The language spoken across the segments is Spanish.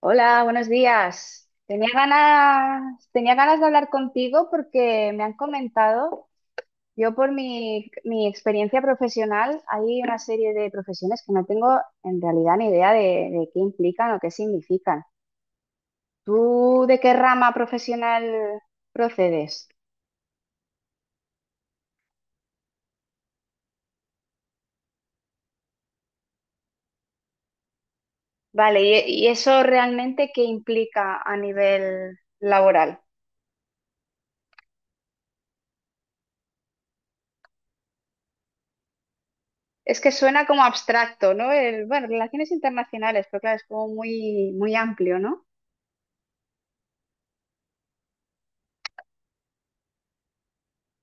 Hola, buenos días. Tenía ganas de hablar contigo porque me han comentado, yo por mi experiencia profesional, hay una serie de profesiones que no tengo en realidad ni idea de qué implican o qué significan. ¿Tú de qué rama profesional procedes? Vale, ¿y eso realmente qué implica a nivel laboral? Es que suena como abstracto, ¿no? Bueno, relaciones internacionales, pero claro, es como muy amplio, ¿no?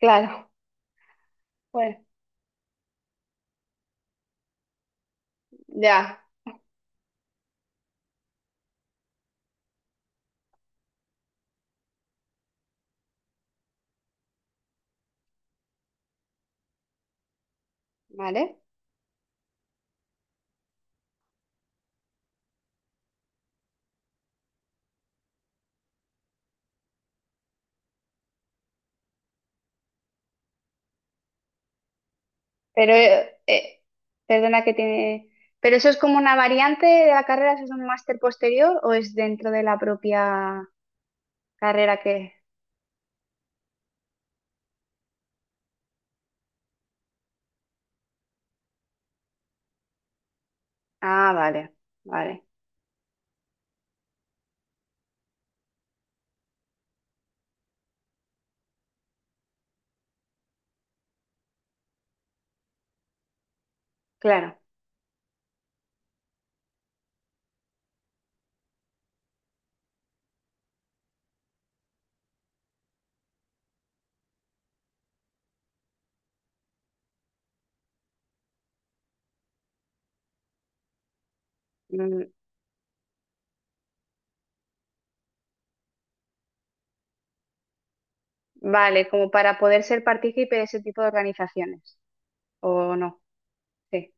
Claro. Pues, ya, ¿vale? Pero, perdona que tiene... ¿Pero eso es como una variante de la carrera? ¿Eso es un máster posterior o es dentro de la propia carrera que... Ah, vale, vale, claro. Mm, vale, como para poder ser partícipe de ese tipo de organizaciones, ¿o no? Sí,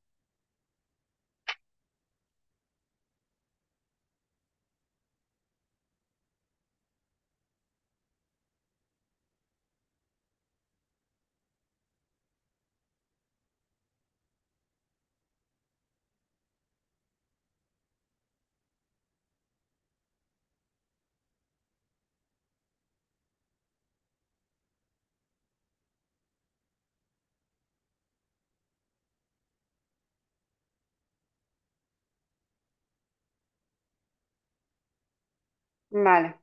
vale.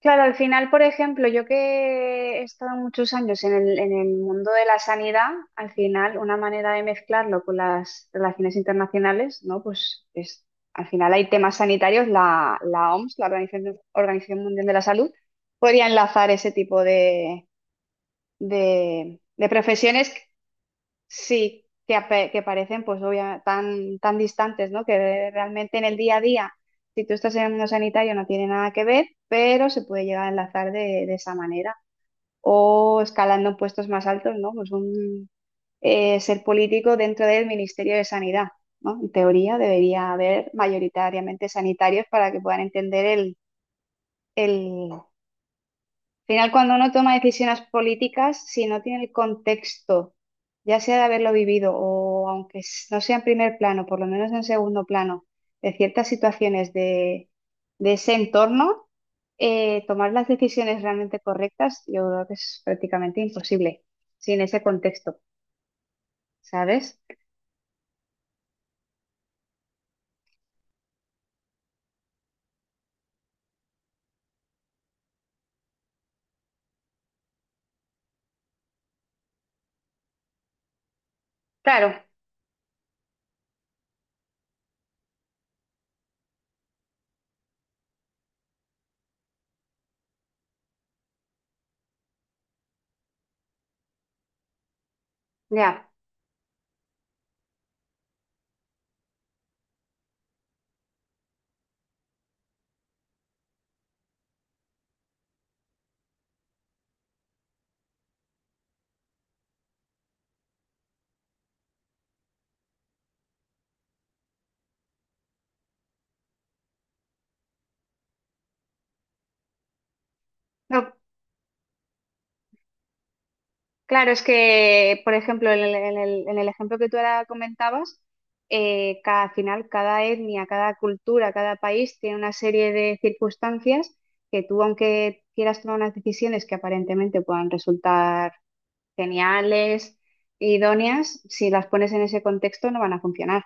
Claro, al final, por ejemplo, yo que he estado muchos años en el mundo de la sanidad, al final una manera de mezclarlo con las relaciones internacionales, ¿no? Pues es, al final hay temas sanitarios, la OMS, la Organización Mundial de la Salud, podría enlazar ese tipo de profesiones. Sí, que, que parecen pues tan distantes, ¿no? Que realmente en el día a día, si tú estás en el mundo sanitario no tiene nada que ver, pero se puede llegar a enlazar de esa manera. O escalando en puestos más altos, ¿no? Pues un ser político dentro del Ministerio de Sanidad, ¿no? En teoría debería haber mayoritariamente sanitarios para que puedan entender el, al final, cuando uno toma decisiones políticas, si no tiene el contexto, ya sea de haberlo vivido o no sea en primer plano, por lo menos en segundo plano, de ciertas situaciones de ese entorno, tomar las decisiones realmente correctas, yo creo que es prácticamente imposible sin ese contexto, ¿sabes? Claro, ya. No, claro, es que, por ejemplo, en el ejemplo que tú ahora comentabas, al final cada etnia, cada cultura, cada país tiene una serie de circunstancias que tú, aunque quieras tomar unas decisiones que aparentemente puedan resultar geniales, idóneas, si las pones en ese contexto no van a funcionar.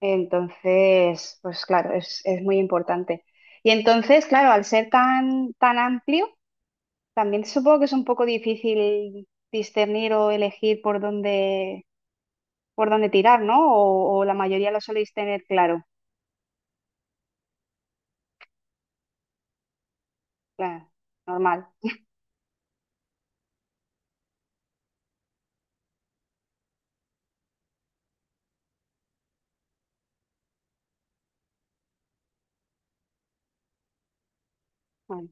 Entonces, pues claro, es muy importante. Y entonces, claro, al ser tan amplio también supongo que es un poco difícil discernir o elegir por dónde tirar, ¿no? O la mayoría lo soléis tener claro, claro, normal. Bueno,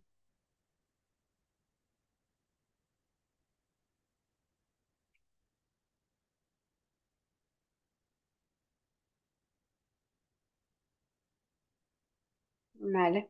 vale.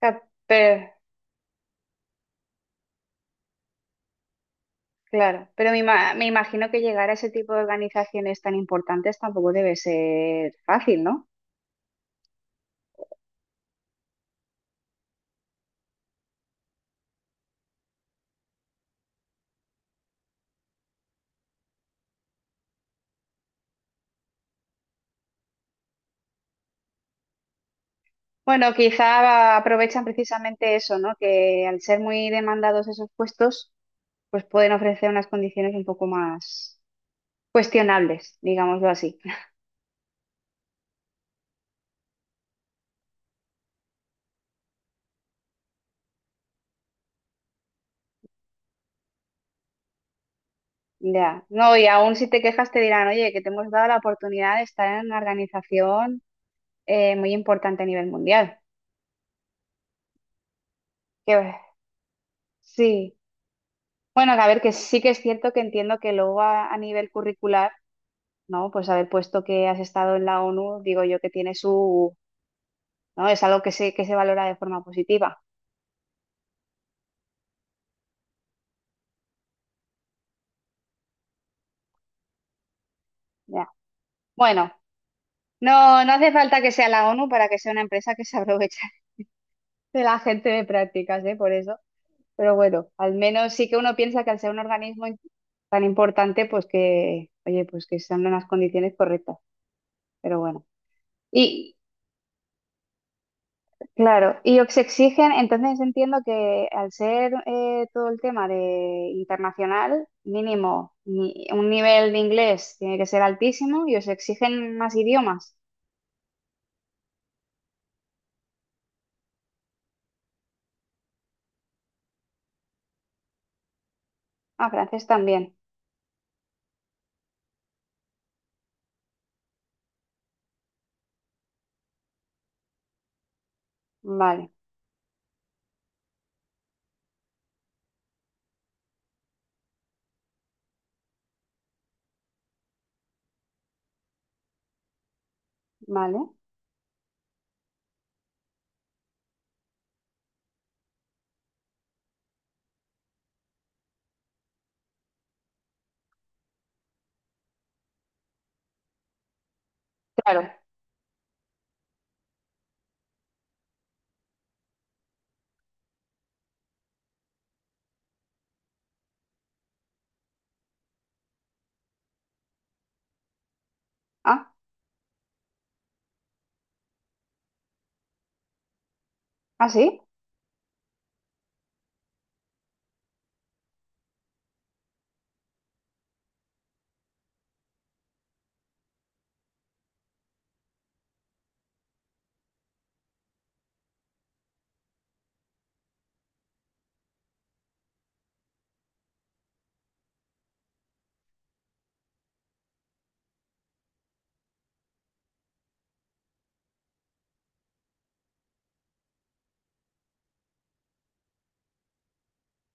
Ca- Pero, claro, pero me imagino que llegar a ese tipo de organizaciones tan importantes tampoco debe ser fácil, ¿no? Bueno, quizá aprovechan precisamente eso, ¿no? Que al ser muy demandados esos puestos, pues pueden ofrecer unas condiciones un poco más cuestionables, digámoslo así. Ya, no, y aún si te quejas te dirán, oye, que te hemos dado la oportunidad de estar en una organización muy importante a nivel mundial. Que, sí, bueno, a ver, que sí que es cierto que entiendo que luego a nivel curricular, ¿no? Pues haber puesto que has estado en la ONU, digo yo que tiene su, ¿no? Es algo que se valora de forma positiva. Ya. Bueno, no, no hace falta que sea la ONU para que sea una empresa que se aprovecha de la gente de prácticas, ¿eh? Por eso. Pero bueno, al menos sí que uno piensa que al ser un organismo tan importante, pues que, oye, pues que sean unas condiciones correctas, pero bueno. Y claro, y os exigen, entonces entiendo que al ser todo el tema de internacional, mínimo, un nivel de inglés tiene que ser altísimo y os exigen más idiomas. Ah, francés también. Vale, vale. Claro. Ah, ah, sí.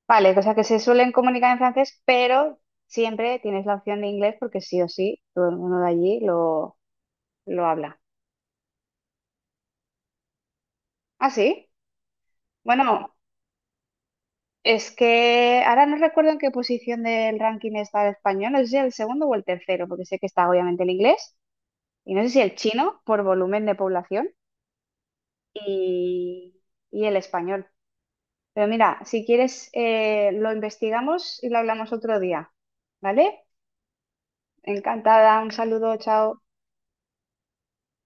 Vale, o sea que se suelen comunicar en francés, pero siempre tienes la opción de inglés porque sí o sí, todo el mundo de allí lo habla. ¿Ah, sí? Bueno, es que ahora no recuerdo en qué posición del ranking está el español, no sé si el segundo o el tercero, porque sé que está obviamente el inglés, y no sé si el chino por volumen de población y, y el español. Pero mira, si quieres, lo investigamos y lo hablamos otro día, ¿vale? Encantada, un saludo, chao.